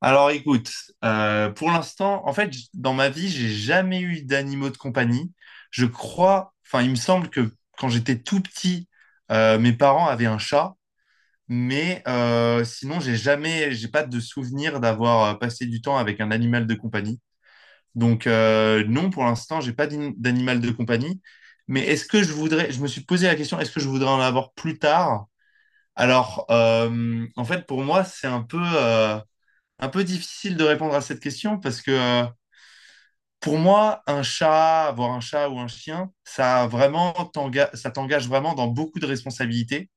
Alors écoute, pour l'instant, en fait, dans ma vie, j'ai jamais eu d'animaux de compagnie. Je crois, enfin, il me semble que quand j'étais tout petit, mes parents avaient un chat, mais sinon, j'ai jamais, j'ai pas de souvenir d'avoir passé du temps avec un animal de compagnie. Donc non, pour l'instant, j'ai pas d'animal de compagnie. Mais est-ce que je voudrais, je me suis posé la question, est-ce que je voudrais en avoir plus tard? Alors, en fait, pour moi, c'est un peu difficile de répondre à cette question parce que pour moi, un chat, avoir un chat ou un chien, ça t'engage vraiment dans beaucoup de responsabilités.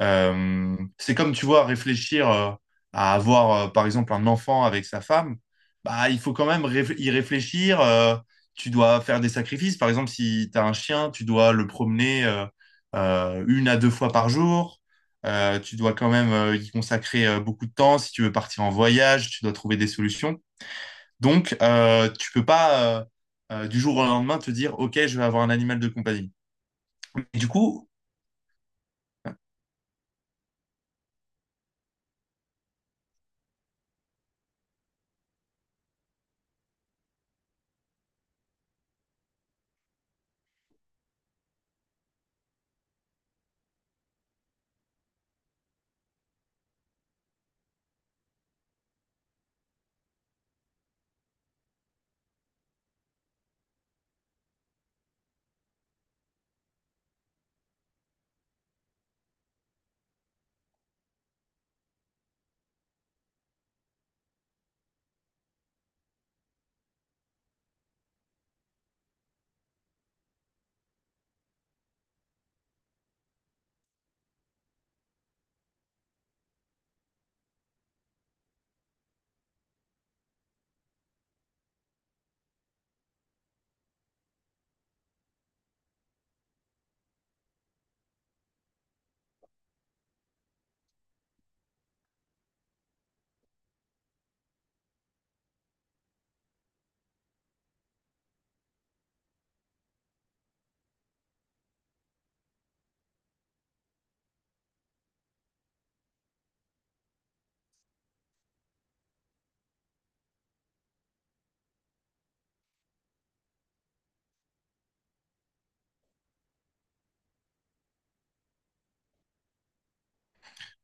C'est comme tu vois, réfléchir à avoir par exemple un enfant avec sa femme, bah il faut quand même y réfléchir. Tu dois faire des sacrifices. Par exemple, si tu as un chien, tu dois le promener une à deux fois par jour. Tu dois quand même y consacrer beaucoup de temps. Si tu veux partir en voyage, tu dois trouver des solutions. Donc, tu peux pas du jour au lendemain te dire, OK, je vais avoir un animal de compagnie. Et du coup,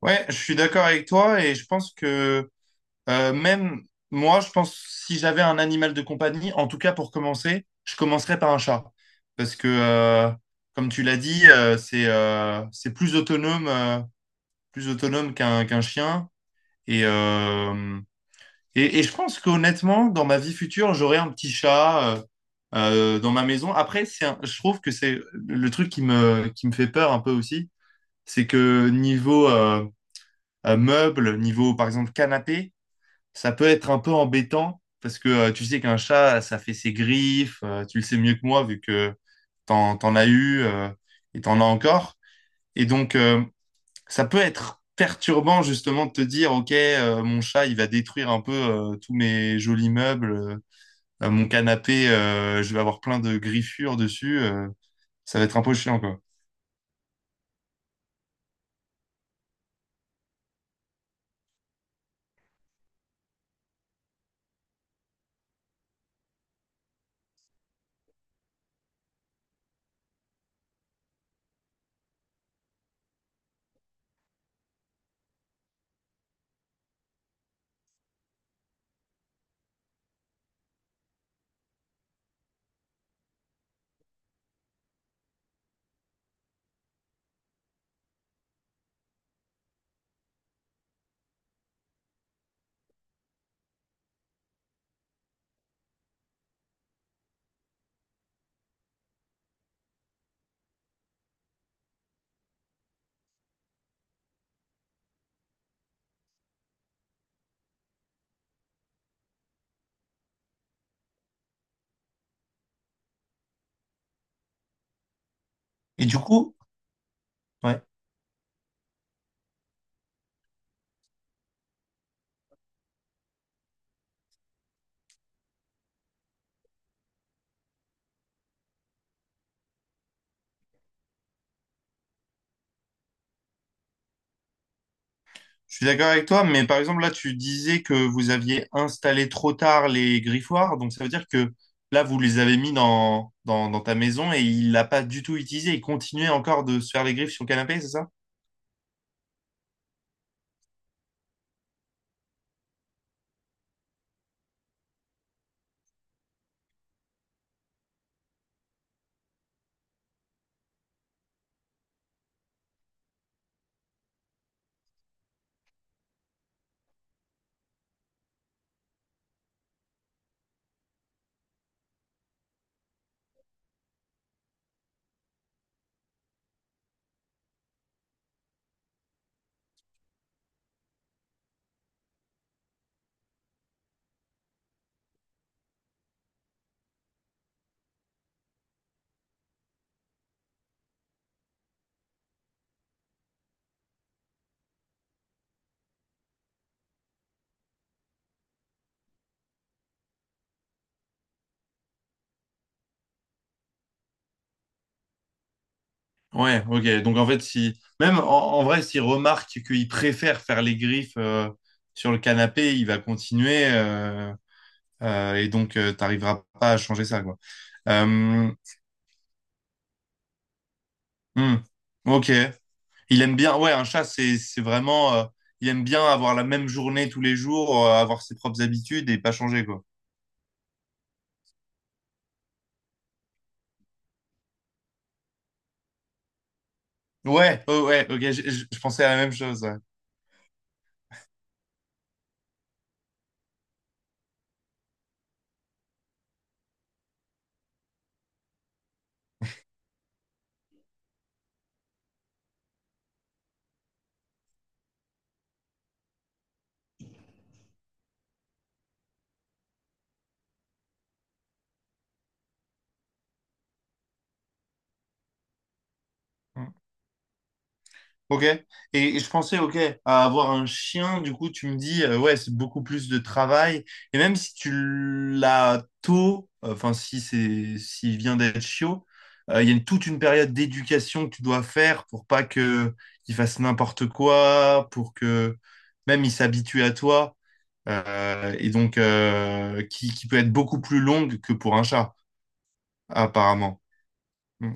ouais, je suis d'accord avec toi et je pense que même moi, je pense si j'avais un animal de compagnie, en tout cas pour commencer, je commencerais par un chat. Parce que, comme tu l'as dit, c'est plus autonome qu'un chien. Et, euh, et je pense qu'honnêtement, dans ma vie future, j'aurai un petit chat dans ma maison. Après, je trouve que c'est le truc qui me fait peur un peu aussi, c'est que niveau meuble, niveau par exemple canapé, ça peut être un peu embêtant parce que tu sais qu'un chat, ça fait ses griffes, tu le sais mieux que moi vu que t'en as eu et t'en as encore. Et donc, ça peut être perturbant justement de te dire, ok, mon chat, il va détruire un peu tous mes jolis meubles, mon canapé, je vais avoir plein de griffures dessus, ça va être un peu chiant, quoi. Je suis d'accord avec toi, mais par exemple, là, tu disais que vous aviez installé trop tard les griffoirs, donc ça veut dire que là, vous les avez mis dans ta maison et il l'a pas du tout utilisé, il continuait encore de se faire les griffes sur le canapé, c'est ça? Ouais, ok. Donc en fait, si même en vrai, s'il remarque qu'il préfère faire les griffes sur le canapé, il va continuer et donc t'arriveras pas à changer ça, quoi. Euh, hmm. Ok. Il aime bien. Ouais, un chat, c'est vraiment. Il aime bien avoir la même journée tous les jours, avoir ses propres habitudes et pas changer, quoi. Ouais, oh, ouais. Ok, je pensais à la même chose. Ouais. Hmm. Ok. Et je pensais, ok, à avoir un chien, du coup, tu me dis, ouais, c'est beaucoup plus de travail. Et même si tu l'as tôt, enfin, si c'est, s'il vient d'être chiot, il y a toute une période d'éducation que tu dois faire pour pas que il fasse n'importe quoi, pour que même il s'habitue à toi. Et donc, qui peut être beaucoup plus longue que pour un chat, apparemment. Mm.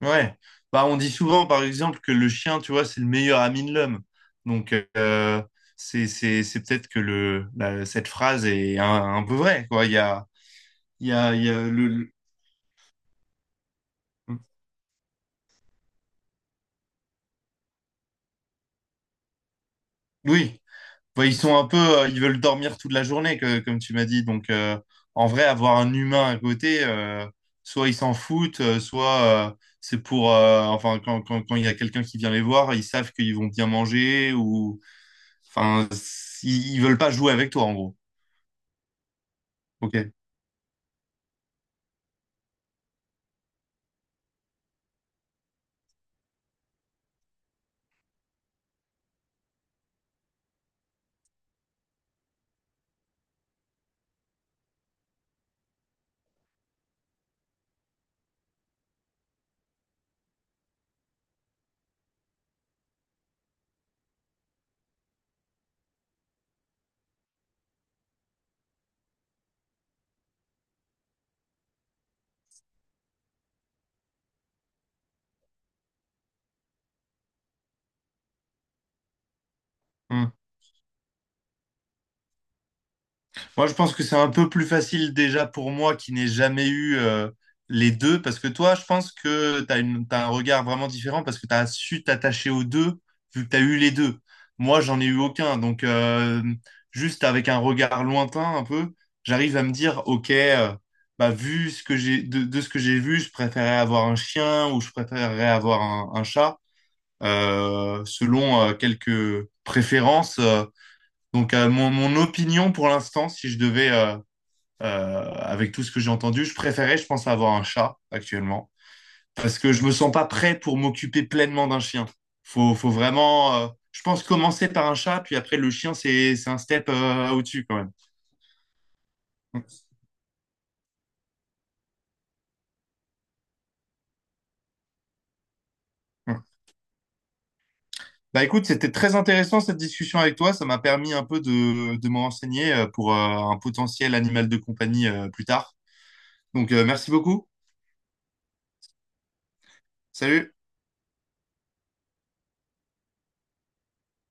Ouais, bah, on dit souvent par exemple que le chien, tu vois, c'est le meilleur ami de l'homme. Donc c'est peut-être que cette phrase est un peu vraie quoi. Il y a il y a il y a le, le. Oui, bah, ils sont un peu ils veulent dormir toute la journée comme tu m'as dit. Donc en vrai avoir un humain à côté, soit ils s'en foutent, soit c'est pour enfin quand il y a quelqu'un qui vient les voir, ils savent qu'ils vont bien manger ou enfin ils veulent pas jouer avec toi en gros. Ok. Hmm. Moi, je pense que c'est un peu plus facile déjà pour moi qui n'ai jamais eu les deux, parce que toi, je pense que t'as un regard vraiment différent parce que tu as su t'attacher aux deux vu que tu as eu les deux. Moi, j'en ai eu aucun, donc juste avec un regard lointain un peu, j'arrive à me dire, ok, bah, vu ce que de ce que j'ai vu, je préférerais avoir un chien ou je préférerais avoir un chat, selon quelques préférences. Donc, mon opinion pour l'instant, si je devais, avec tout ce que j'ai entendu, je préférais, je pense, avoir un chat actuellement parce que je me sens pas prêt pour m'occuper pleinement d'un chien. Faut vraiment, je pense, commencer par un chat, puis après, le chien, c'est un step, au-dessus quand même. Mm. Bah écoute, c'était très intéressant cette discussion avec toi. Ça m'a permis un peu de m'en renseigner pour un potentiel animal de compagnie plus tard. Donc, merci beaucoup. Salut.